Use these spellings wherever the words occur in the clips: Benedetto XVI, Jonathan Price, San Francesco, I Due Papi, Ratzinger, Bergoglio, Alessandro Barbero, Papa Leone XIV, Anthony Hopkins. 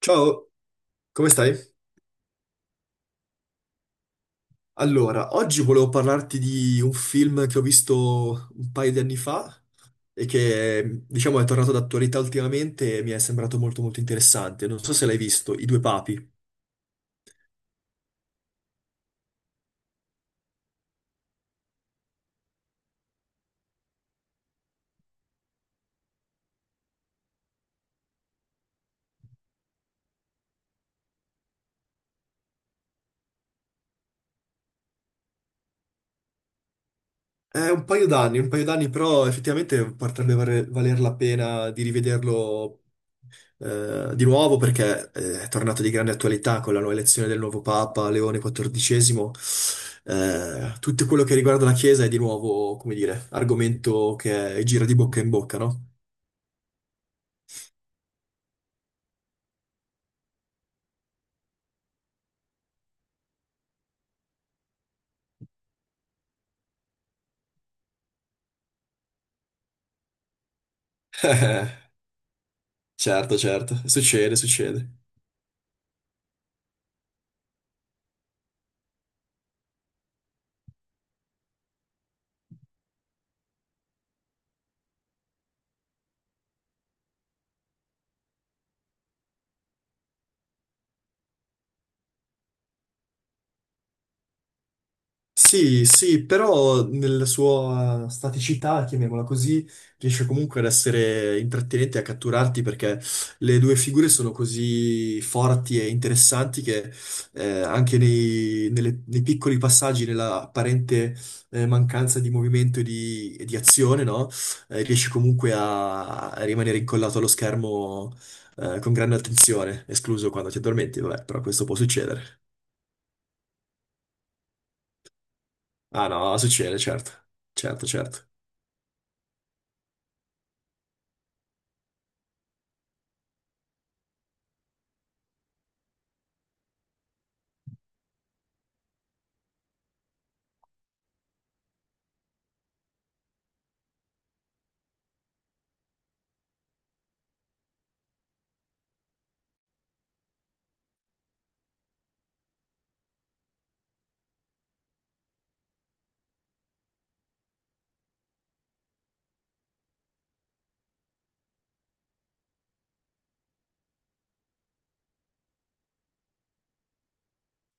Ciao, come stai? Allora, oggi volevo parlarti di un film che ho visto un paio di anni fa e che, diciamo, è tornato d'attualità ultimamente e mi è sembrato molto molto interessante. Non so se l'hai visto, I Due Papi. È un paio d'anni, però effettivamente potrebbe valer la pena di rivederlo di nuovo perché è tornato di grande attualità con la nuova elezione del nuovo Papa Leone XIV. Tutto quello che riguarda la Chiesa è di nuovo, come dire, argomento che gira di bocca in bocca, no? Certo, certo, succede, succede. Sì, sì, però nella sua staticità, chiamiamola così, riesce comunque ad essere intrattenente e a catturarti perché le due figure sono così forti e interessanti che anche nei piccoli passaggi, nella apparente mancanza di movimento e di azione, no? Riesce comunque a rimanere incollato allo schermo con grande attenzione, escluso quando ti addormenti, vabbè, però questo può succedere. Ah no, succede, certo, certo, certo.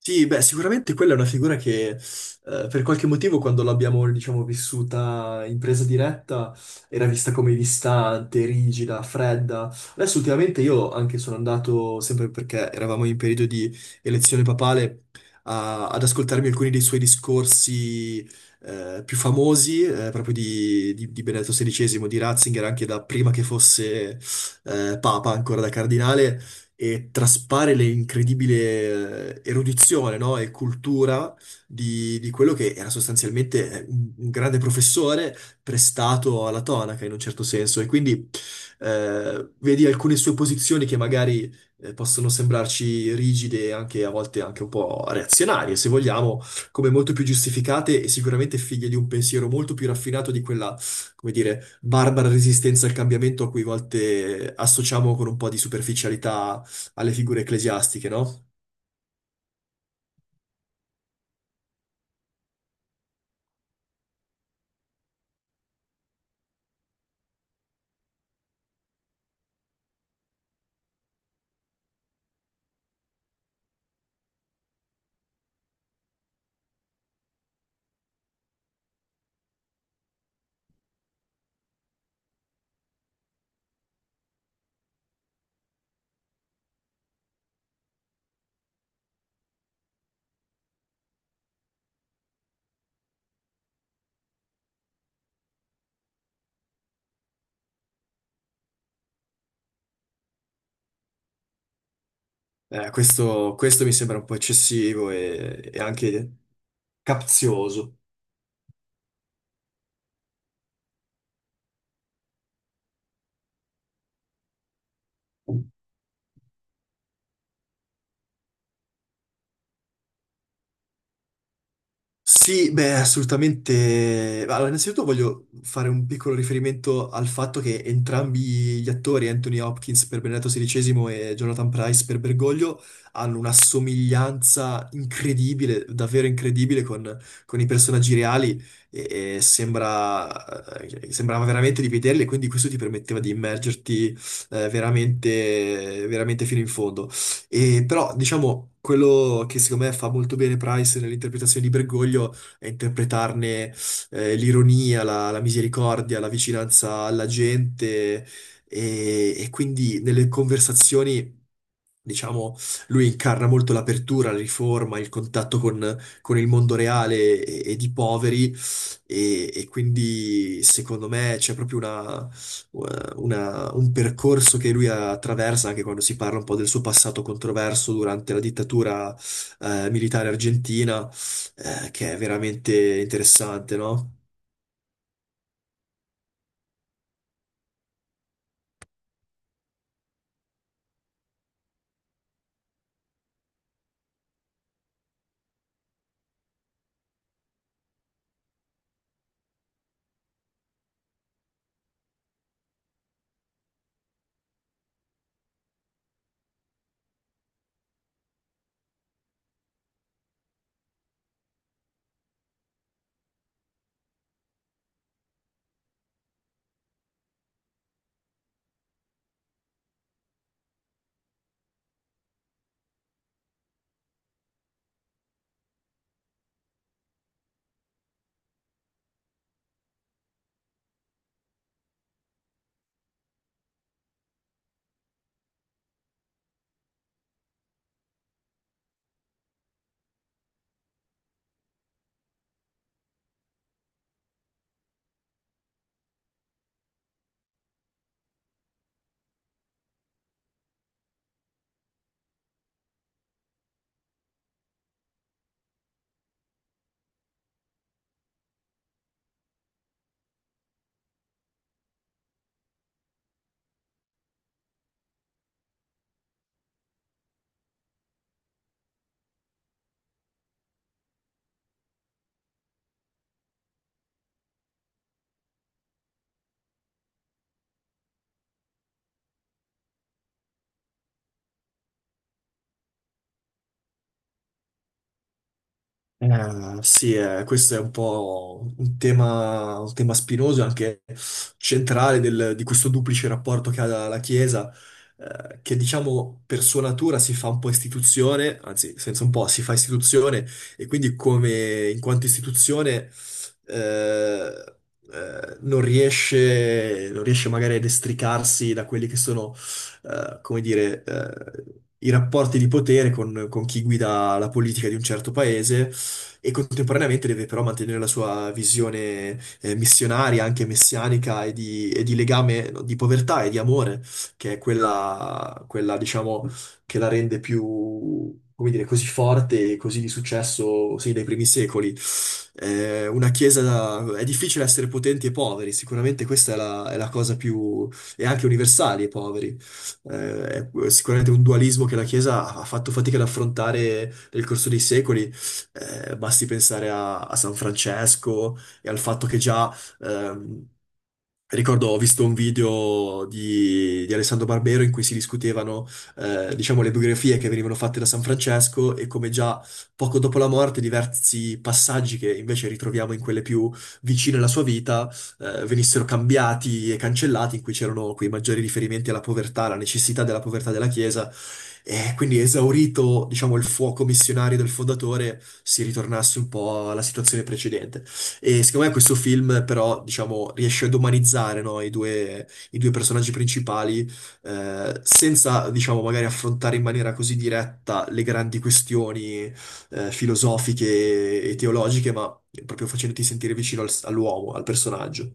Sì, beh, sicuramente quella è una figura che per qualche motivo quando l'abbiamo, diciamo, vissuta in presa diretta era vista come distante, rigida, fredda. Adesso ultimamente io anche sono andato, sempre perché eravamo in periodo di elezione papale, ad ascoltarmi alcuni dei suoi discorsi più famosi, proprio di Benedetto XVI, di Ratzinger, anche da prima che fosse papa, ancora da cardinale, e traspare l'incredibile erudizione, no? E cultura di quello che era sostanzialmente un grande professore prestato alla tonaca in un certo senso. E quindi vedi alcune sue posizioni che magari possono sembrarci rigide e anche a volte anche un po' reazionarie, se vogliamo, come molto più giustificate e sicuramente figlie di un pensiero molto più raffinato di quella, come dire, barbara resistenza al cambiamento a cui a volte associamo con un po' di superficialità alle figure ecclesiastiche, no? Questo mi sembra un po' eccessivo e anche capzioso. Sì, beh, assolutamente. Allora, innanzitutto voglio fare un piccolo riferimento al fatto che entrambi gli attori, Anthony Hopkins per Benedetto XVI e Jonathan Price per Bergoglio, hanno una somiglianza incredibile, davvero incredibile con i personaggi reali e sembrava veramente di vederli e quindi questo ti permetteva di immergerti veramente fino in fondo. E però, diciamo, quello che secondo me fa molto bene Price nell'interpretazione di Bergoglio è interpretarne l'ironia, la misericordia, la vicinanza alla gente e quindi nelle conversazioni, diciamo, lui incarna molto l'apertura, la riforma, il contatto con il mondo reale e di poveri e quindi secondo me c'è proprio una un percorso che lui attraversa anche quando si parla un po' del suo passato controverso durante la dittatura militare argentina, che è veramente interessante, no? Sì, questo è un po' un tema spinoso e anche centrale di questo duplice rapporto che ha la Chiesa, che diciamo per sua natura si fa un po' istituzione, anzi, senza un po', si fa istituzione e quindi come in quanto istituzione eh, non riesce, non riesce magari ad estricarsi da quelli che sono, come dire, i rapporti di potere con chi guida la politica di un certo paese e contemporaneamente deve però mantenere la sua visione missionaria, anche messianica e di legame, no, di povertà e di amore, che è quella, quella, diciamo, che la rende più, come dire, così forte e così di successo, sì, dai primi secoli. Una è difficile essere potenti e poveri, sicuramente questa è è la cosa più, e anche universali e poveri. Eh, è sicuramente un dualismo che la Chiesa ha fatto fatica ad affrontare nel corso dei secoli, basti pensare a San Francesco e al fatto che già, ehm, ricordo, ho visto un video di Alessandro Barbero in cui si discutevano, diciamo, le biografie che venivano fatte da San Francesco e come già poco dopo la morte diversi passaggi che invece ritroviamo in quelle più vicine alla sua vita, venissero cambiati e cancellati, in cui c'erano quei maggiori riferimenti alla povertà, alla necessità della povertà della Chiesa. E quindi esaurito, diciamo, il fuoco missionario del fondatore, si ritornasse un po' alla situazione precedente. E secondo me questo film, però, diciamo, riesce ad umanizzare, no, i due personaggi principali, senza, diciamo, magari affrontare in maniera così diretta le grandi questioni, filosofiche e teologiche, ma proprio facendoti sentire vicino all'uomo, al personaggio.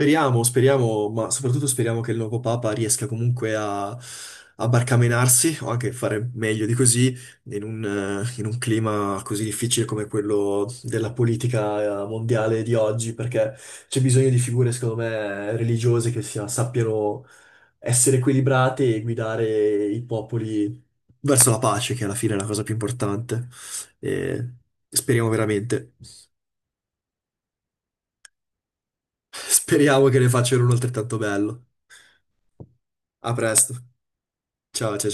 Speriamo, speriamo, ma soprattutto speriamo che il nuovo Papa riesca comunque a barcamenarsi o anche fare meglio di così in un clima così difficile come quello della politica mondiale di oggi, perché c'è bisogno di figure, secondo me, religiose che sappiano essere equilibrate e guidare i popoli verso la pace, che alla fine è la cosa più importante. E speriamo veramente, speriamo che ne facciano uno altrettanto bello. A presto. Ciao, ciao.